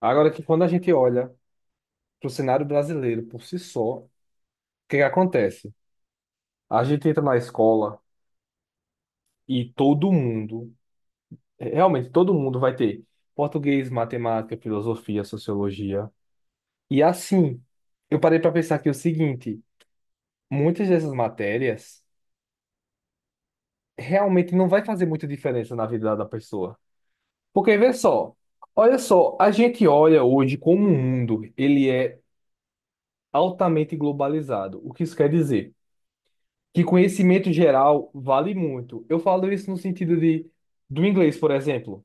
Agora que quando a gente olha para o cenário brasileiro por si só, o que que acontece? A gente entra na escola e todo mundo, realmente todo mundo vai ter português, matemática, filosofia, sociologia. E assim, eu parei para pensar que é o seguinte, muitas dessas matérias realmente não vai fazer muita diferença na vida da pessoa. Porque vê só, olha só, a gente olha hoje como o mundo, ele é altamente globalizado. O que isso quer dizer? Que conhecimento geral vale muito. Eu falo isso no sentido de do inglês, por exemplo.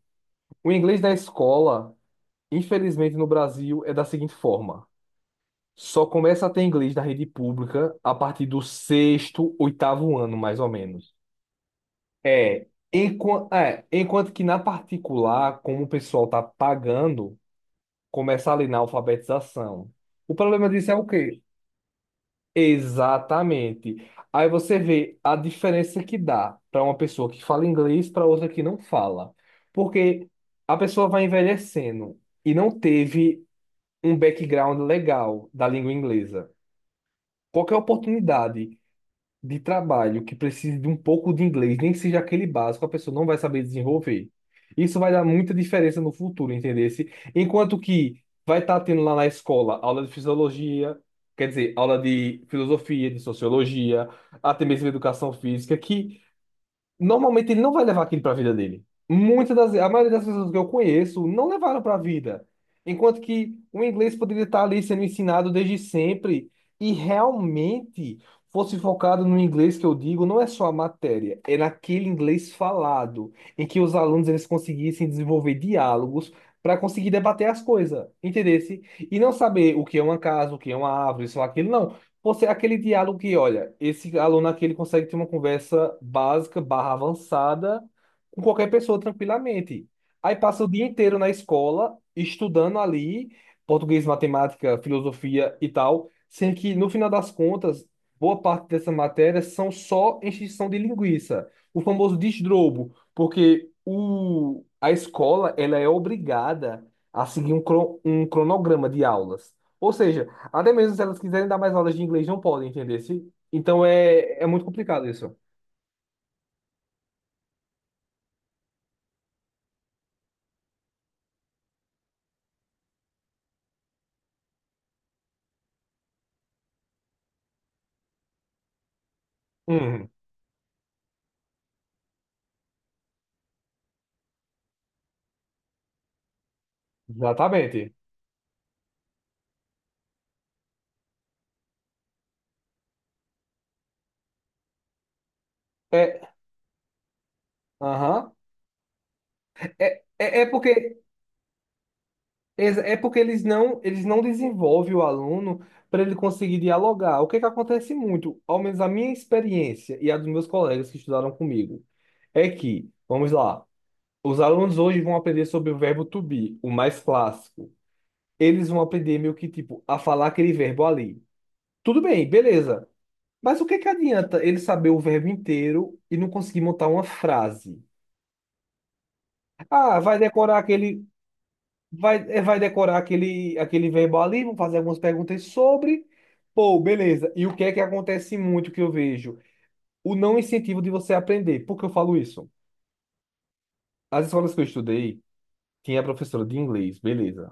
O inglês da escola, infelizmente no Brasil, é da seguinte forma: só começa a ter inglês da rede pública a partir do sexto, oitavo ano, mais ou menos. É, enquanto que na particular, como o pessoal tá pagando, começa ali na alfabetização. O problema disso é o quê? Exatamente. Aí você vê a diferença que dá para uma pessoa que fala inglês para outra que não fala. Porque a pessoa vai envelhecendo e não teve um background legal da língua inglesa. Qualquer oportunidade de trabalho que precise de um pouco de inglês, nem que seja aquele básico, a pessoa não vai saber desenvolver. Isso vai dar muita diferença no futuro, entendeu? Enquanto que vai estar tendo lá na escola aula de fisiologia, quer dizer, aula de filosofia, de sociologia, até mesmo educação física. Que Normalmente ele não vai levar aquilo para a vida dele. A maioria das pessoas que eu conheço não levaram para a vida. Enquanto que o inglês poderia estar ali sendo ensinado desde sempre e realmente fosse focado no inglês que eu digo, não é só a matéria, é naquele inglês falado, em que os alunos eles conseguissem desenvolver diálogos para conseguir debater as coisas, entendesse? E não saber o que é uma casa, o que é uma árvore, isso ou aquilo, não. Você, aquele diálogo que, olha, esse aluno aqui ele consegue ter uma conversa básica barra avançada com qualquer pessoa tranquilamente. Aí passa o dia inteiro na escola, estudando ali, português, matemática, filosofia e tal, sendo que, no final das contas, boa parte dessas matérias são só encheção de linguiça. O famoso desdrobo, porque a escola ela é obrigada a seguir um cronograma de aulas. Ou seja, até mesmo se elas quiserem dar mais aulas de inglês, não podem, entender? Então é muito complicado isso. Hum, exatamente. É, aham. É, é, é porque é porque eles não desenvolvem o aluno para ele conseguir dialogar. O que é que acontece muito, ao menos a minha experiência e a dos meus colegas que estudaram comigo, é que, vamos lá, os alunos hoje vão aprender sobre o verbo to be, o mais clássico. Eles vão aprender meio que tipo a falar aquele verbo ali. Tudo bem, beleza. Mas o que que adianta ele saber o verbo inteiro e não conseguir montar uma frase? Ah, vai decorar aquele verbo ali, vamos fazer algumas perguntas sobre. Pô, beleza. E o que é que acontece muito que eu vejo? O não incentivo de você aprender. Por que eu falo isso? As escolas que eu estudei, tinha professora de inglês, beleza.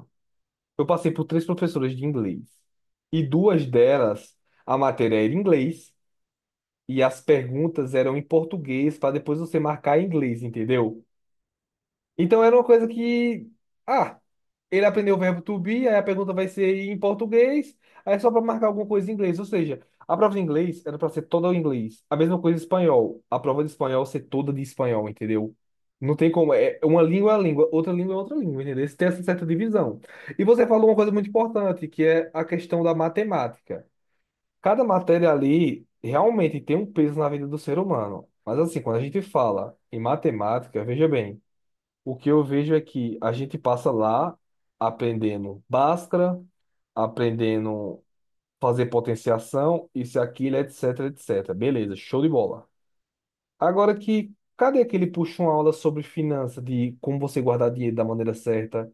Eu passei por três professoras de inglês. E duas delas, a matéria era em inglês e as perguntas eram em português para depois você marcar em inglês, entendeu? Então era uma coisa que. Ah, ele aprendeu o verbo to be, aí a pergunta vai ser em português, aí é só para marcar alguma coisa em inglês. Ou seja, a prova de inglês era para ser toda em inglês. A mesma coisa em espanhol. A prova de espanhol ser toda de espanhol, entendeu? Não tem como. É uma língua, outra língua é outra língua, entendeu? Tem essa certa divisão. E você falou uma coisa muito importante, que é a questão da matemática. Cada matéria ali realmente tem um peso na vida do ser humano. Mas assim, quando a gente fala em matemática, veja bem. O que eu vejo é que a gente passa lá aprendendo Bhaskara, aprendendo fazer potenciação, isso e aquilo, etc, etc. Beleza, show de bola. Agora que, cadê aquele puxa uma aula sobre finança, de como você guardar dinheiro da maneira certa,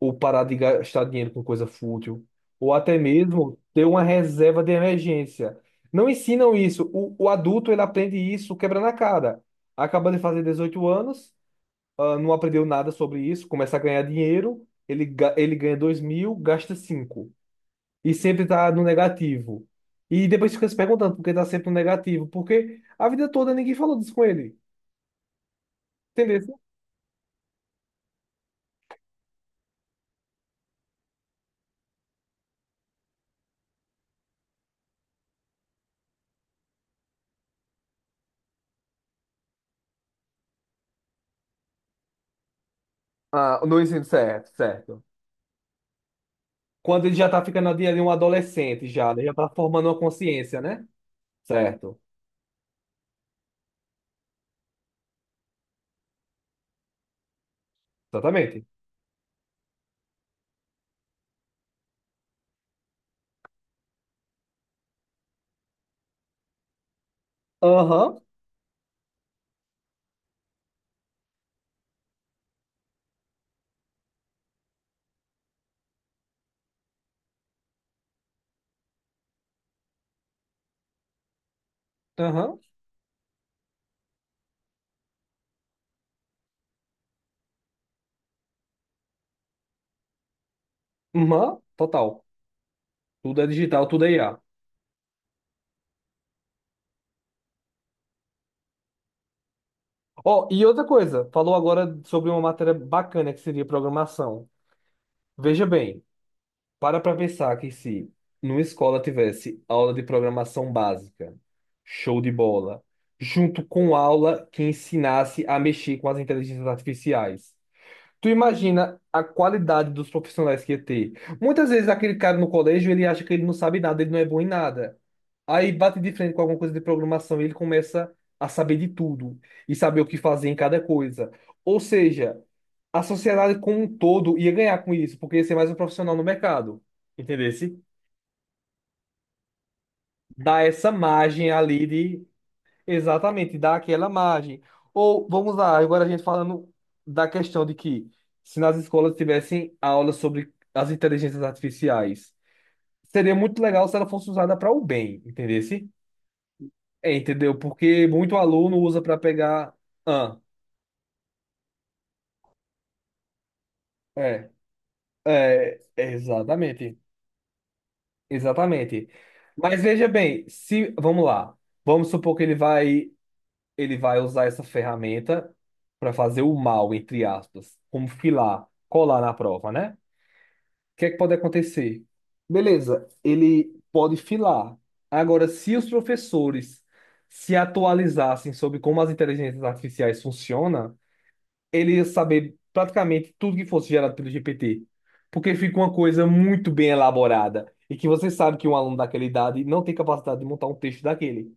ou parar de gastar dinheiro com coisa fútil, ou até mesmo ter uma reserva de emergência. Não ensinam isso. O adulto, ele aprende isso quebra na cara. Acaba de fazer 18 anos, ah, não aprendeu nada sobre isso, começa a ganhar dinheiro, ele ganha 2.000, gasta cinco. E sempre tá no negativo. E depois fica se perguntando por que tá sempre no negativo, porque a vida toda ninguém falou disso com ele. Entendeu? Ah, no ensino, certo, certo. Quando ele já tá ficando ali um adolescente já, né? Já tá formando uma consciência, né? Certo. Exatamente. Aham, aham, aham, total. Tudo é digital, tudo é IA. Ó, e outra coisa, falou agora sobre uma matéria bacana que seria programação. Veja bem, para pensar que se numa escola tivesse aula de programação básica, show de bola, junto com aula que ensinasse a mexer com as inteligências artificiais. Tu imagina a qualidade dos profissionais que ia ter. Muitas vezes aquele cara no colégio, ele acha que ele não sabe nada, ele não é bom em nada. Aí bate de frente com alguma coisa de programação e ele começa a saber de tudo e saber o que fazer em cada coisa. Ou seja, a sociedade como um todo ia ganhar com isso, porque ia ser mais um profissional no mercado. Entendesse? Dá essa margem ali de. Exatamente, dá aquela margem. Ou, vamos lá, agora a gente falando da questão de que se nas escolas tivessem aulas sobre as inteligências artificiais, seria muito legal se ela fosse usada para o bem, entendeu? É, entendeu? Porque muito aluno usa para pegar. Ah, é, exatamente, exatamente. Mas veja bem, se vamos lá, vamos supor que ele vai usar essa ferramenta para fazer o mal, entre aspas, como filar, colar na prova, né? O que é que pode acontecer? Beleza, ele pode filar. Agora, se os professores se atualizassem sobre como as inteligências artificiais funcionam ele ia saber praticamente tudo que fosse gerado pelo GPT. Porque fica uma coisa muito bem elaborada. E que você sabe que um aluno daquela idade não tem capacidade de montar um texto daquele.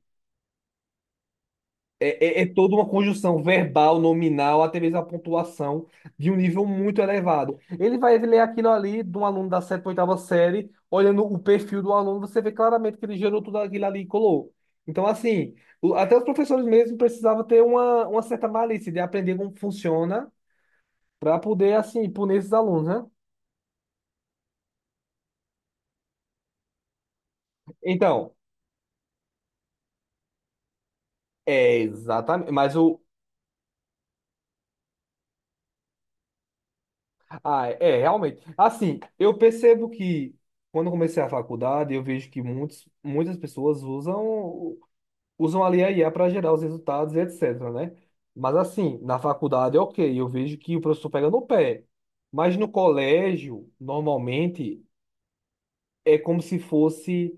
É toda uma conjunção verbal, nominal, até mesmo a pontuação de um nível muito elevado. Ele vai ler aquilo ali de um aluno da sétima, oitava série, olhando o perfil do aluno, você vê claramente que ele gerou tudo aquilo ali e colou. Então, assim, até os professores mesmo precisavam ter uma certa malícia de aprender como funciona para poder, assim, punir esses alunos, né? Então, é exatamente. Mas o. Ah, é, realmente. Assim, eu percebo que quando eu comecei a faculdade, eu vejo que muitas pessoas usam ali a IA para gerar os resultados e etc, né? Mas, assim, na faculdade, ok, eu vejo que o professor pega no pé. Mas no colégio, normalmente, é como se fosse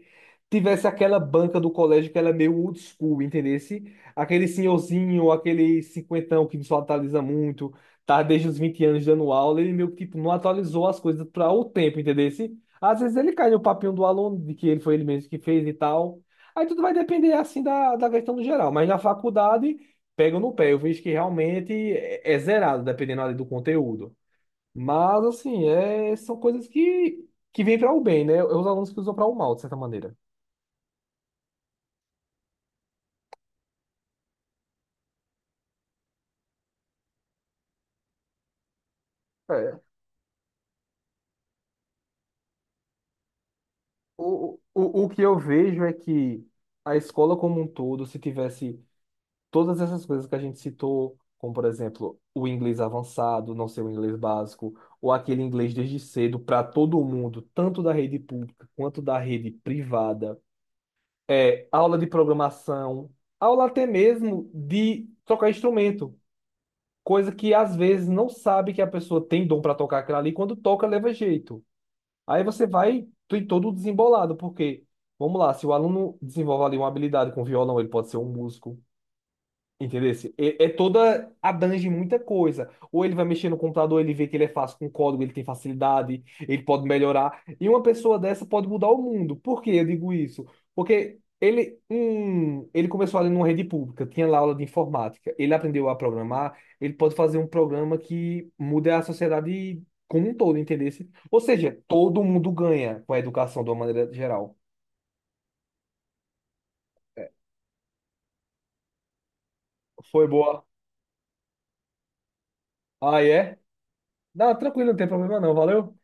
tivesse aquela banca do colégio que ela é meio old school, entendesse? Aquele senhorzinho, aquele cinquentão que só atualiza muito, tá desde os 20 anos dando aula, ele meio que tipo, não atualizou as coisas para o tempo, entendesse? Às vezes ele cai no papinho do aluno, de que ele foi ele mesmo que fez e tal. Aí tudo vai depender, assim, da questão do geral. Mas na faculdade, pega no pé. Eu vejo que realmente é zerado, dependendo ali do conteúdo. Mas, assim, é, são coisas que vêm para o bem, né? Os alunos que usam para o mal, de certa maneira. É. O que eu vejo é que a escola como um todo, se tivesse todas essas coisas que a gente citou, como por exemplo, o inglês avançado, não ser o inglês básico, ou aquele inglês desde cedo para todo mundo, tanto da rede pública quanto da rede privada, é, aula de programação, aula até mesmo de tocar instrumento. Coisa que às vezes não sabe que a pessoa tem dom para tocar aquilo ali, quando toca, leva jeito. Aí você vai tem todo desembolado, porque, vamos lá, se o aluno desenvolve ali uma habilidade com violão, ele pode ser um músico. Entendeu? É toda, abrange muita coisa. Ou ele vai mexer no computador, ele vê que ele é fácil com código, ele tem facilidade, ele pode melhorar. E uma pessoa dessa pode mudar o mundo. Por que eu digo isso? Porque ele começou ali numa rede pública, tinha lá aula de informática, ele aprendeu a programar, ele pode fazer um programa que mude a sociedade como um todo, entendeu? Ou seja, todo mundo ganha com a educação de uma maneira geral. Foi boa. Ah, é? Não, tranquilo, não tem problema não, valeu?